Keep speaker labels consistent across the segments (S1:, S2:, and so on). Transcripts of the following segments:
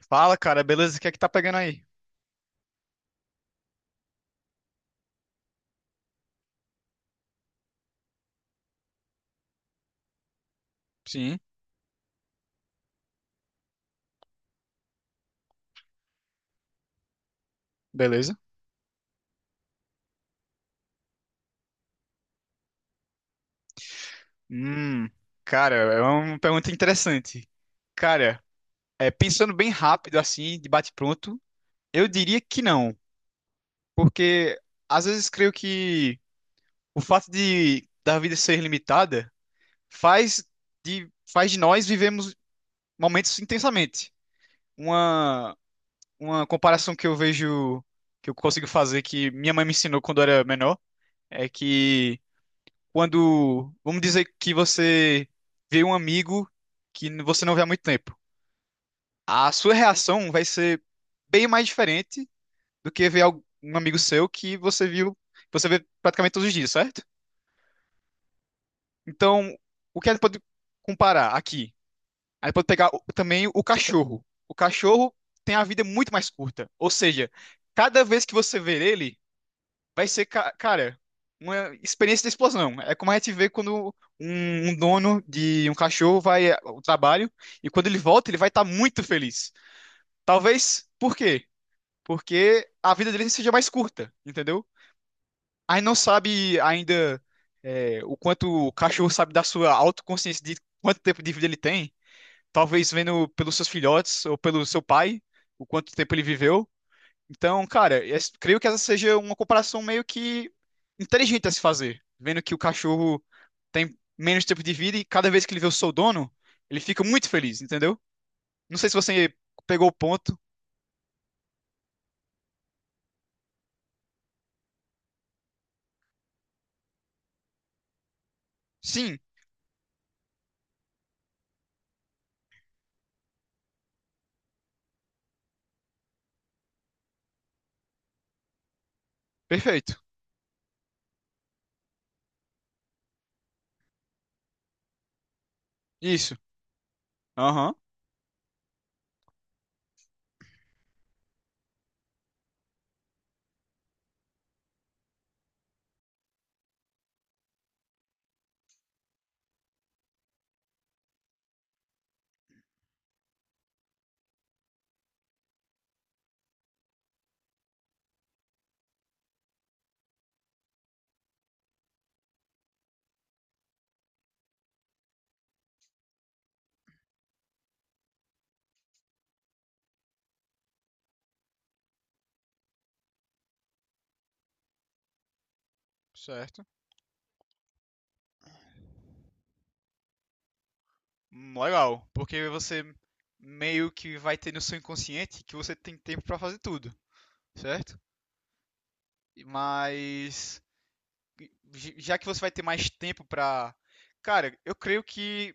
S1: Fala, cara, beleza? O que é que tá pegando aí? Sim. Beleza? Hum, cara, é uma pergunta interessante. Cara, é, pensando bem rápido assim, de bate-pronto, eu diria que não, porque às vezes creio que o fato de da vida ser limitada faz de nós vivemos momentos intensamente. Uma uma comparação que eu vejo que eu consigo fazer que minha mãe me ensinou quando eu era menor é que quando, vamos dizer que você vê um amigo que você não vê há muito tempo. A sua reação vai ser bem mais diferente do que ver um amigo seu que você viu, você vê praticamente todos os dias, certo? Então, o que a gente pode comparar aqui? A gente pode pegar também o cachorro. O cachorro tem a vida muito mais curta, ou seja, cada vez que você ver ele vai ser, cara, uma experiência de explosão. É como a gente vê quando um dono de um cachorro vai ao trabalho e quando ele volta, ele vai estar muito feliz. Talvez, por quê? Porque a vida dele seja mais curta, entendeu? A gente não sabe ainda o quanto o cachorro sabe da sua autoconsciência de quanto tempo de vida ele tem. Talvez vendo pelos seus filhotes ou pelo seu pai, o quanto tempo ele viveu. Então, cara, creio que essa seja uma comparação meio que inteligente a se fazer, vendo que o cachorro tem menos tempo de vida e cada vez que ele vê o seu dono, ele fica muito feliz, entendeu? Não sei se você pegou o ponto. Sim, perfeito. Isso. Aham. Certo. Legal, porque você meio que vai ter no seu inconsciente que você tem tempo pra fazer tudo, certo? Mas já que você vai ter mais tempo pra... Cara, eu creio que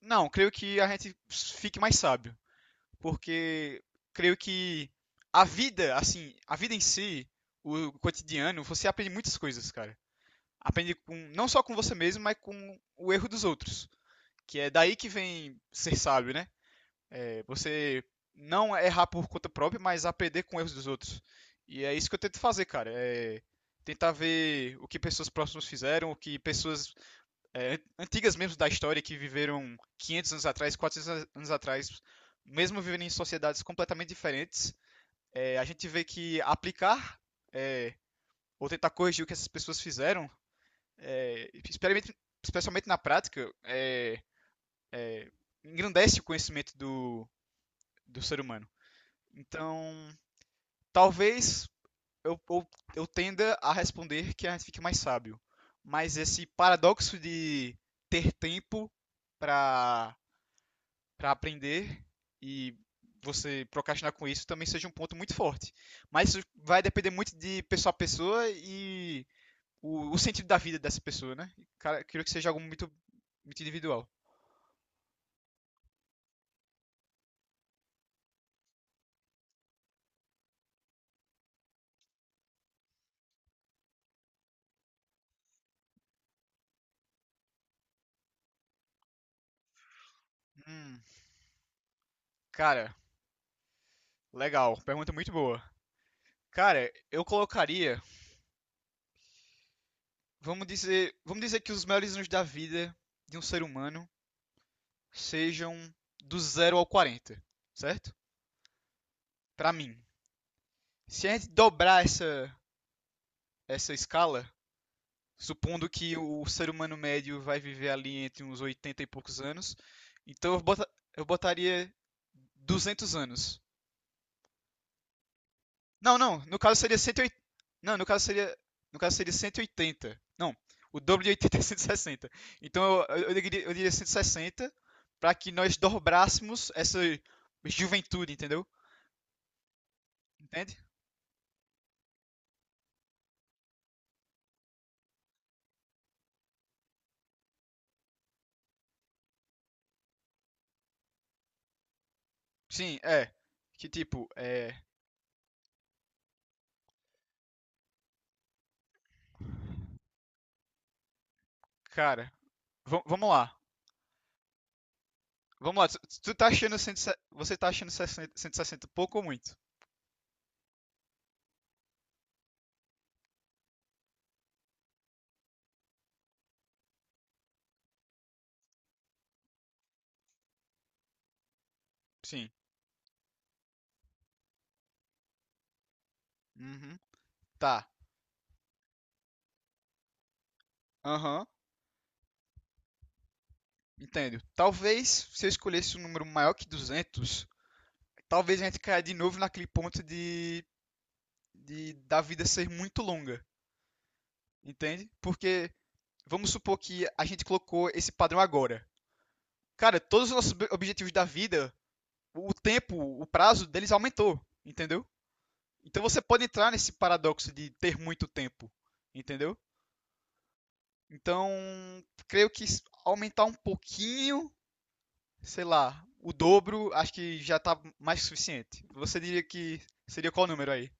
S1: não, creio que a gente fique mais sábio, porque creio que a vida, assim, a vida em si, o cotidiano, você aprende muitas coisas, cara. Aprende com, não só com você mesmo, mas com o erro dos outros. Que é daí que vem ser sábio, né? É você não errar por conta própria, mas aprender com erros dos outros. E é isso que eu tento fazer, cara. É tentar ver o que pessoas próximas fizeram, o que pessoas antigas mesmo da história que viveram 500 anos atrás, 400 anos atrás, mesmo vivendo em sociedades completamente diferentes, a gente vê que aplicar ou tentar corrigir o que essas pessoas fizeram, é, especialmente na prática, é, engrandece o conhecimento do ser humano. Então, talvez eu, eu, eu tenda a responder que a gente fique mais sábio. Mas esse paradoxo de ter tempo para para aprender e você procrastinar com isso também seja um ponto muito forte. Mas isso vai depender muito de pessoa a pessoa e o sentido da vida dessa pessoa, né? E, cara, eu queria que seja algo muito, muito individual. Hum, cara, legal. Pergunta muito boa. Cara, eu colocaria, vamos dizer que os melhores anos da vida de um ser humano sejam do zero ao 40, certo? Pra mim. Se a gente dobrar essa escala, supondo que o ser humano médio vai viver ali entre uns 80 e poucos anos. Então eu botaria 200 anos. Não, não, no caso seria 180. Não, no caso seria 180. Não, o dobro de 80 é 160. Então eu diria 160 para que nós dobrássemos essa juventude, entendeu? Entende? Sim, é. Que tipo, é. Cara, vamos lá. Vamos lá, tu tá achando 160, você tá achando 60 160 pouco ou muito? Sim. Uhum. Tá. Aham. Entendo. Talvez se eu escolhesse um número maior que 200, talvez a gente caia de novo naquele ponto de da vida ser muito longa, entende? Porque vamos supor que a gente colocou esse padrão agora. Cara, todos os nossos objetivos da vida, o tempo, o prazo deles aumentou, entendeu? Então você pode entrar nesse paradoxo de ter muito tempo, entendeu? Então, creio que aumentar um pouquinho, sei lá, o dobro, acho que já tá mais que suficiente. Você diria que seria qual número aí?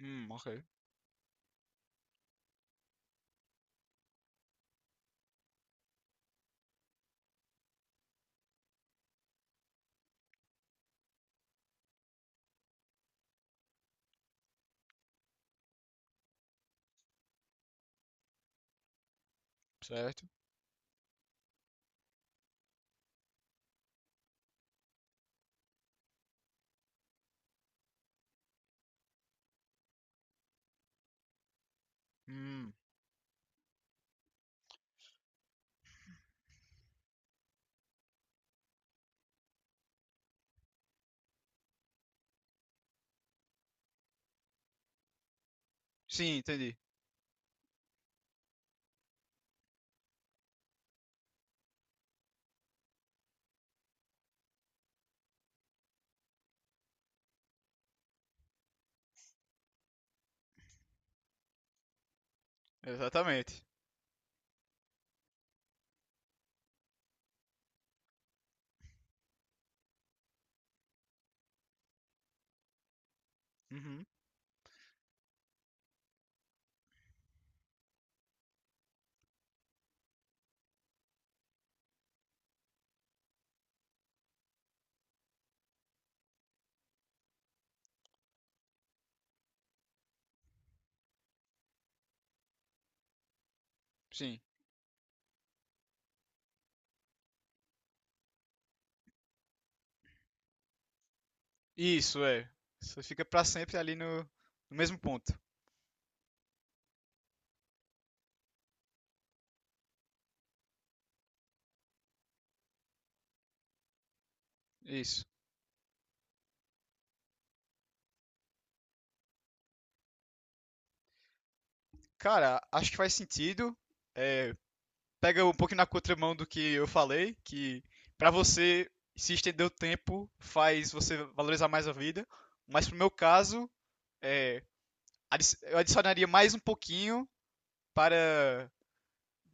S1: Ok. Certo. Hum. Sim, entendi. Exatamente. Uhum. Sim. Isso, é. Você fica pra sempre ali no, no mesmo ponto. Isso. Cara, acho que faz sentido. É, pega um pouco na contramão do que eu falei, que pra você se estender o tempo faz você valorizar mais a vida, mas pro meu caso, é, eu adicionaria mais um pouquinho para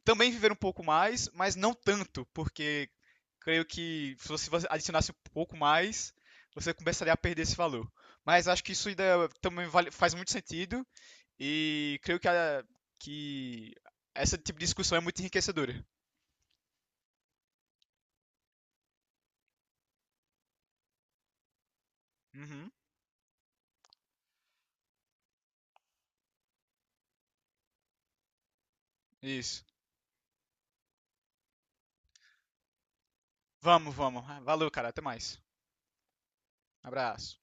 S1: também viver um pouco mais, mas não tanto, porque creio que se você adicionasse um pouco mais, você começaria a perder esse valor. Mas acho que isso ainda também faz muito sentido e creio que essa tipo de discussão é muito enriquecedora. Uhum, isso. Vamos, vamos. Valeu, cara. Até mais. Abraço.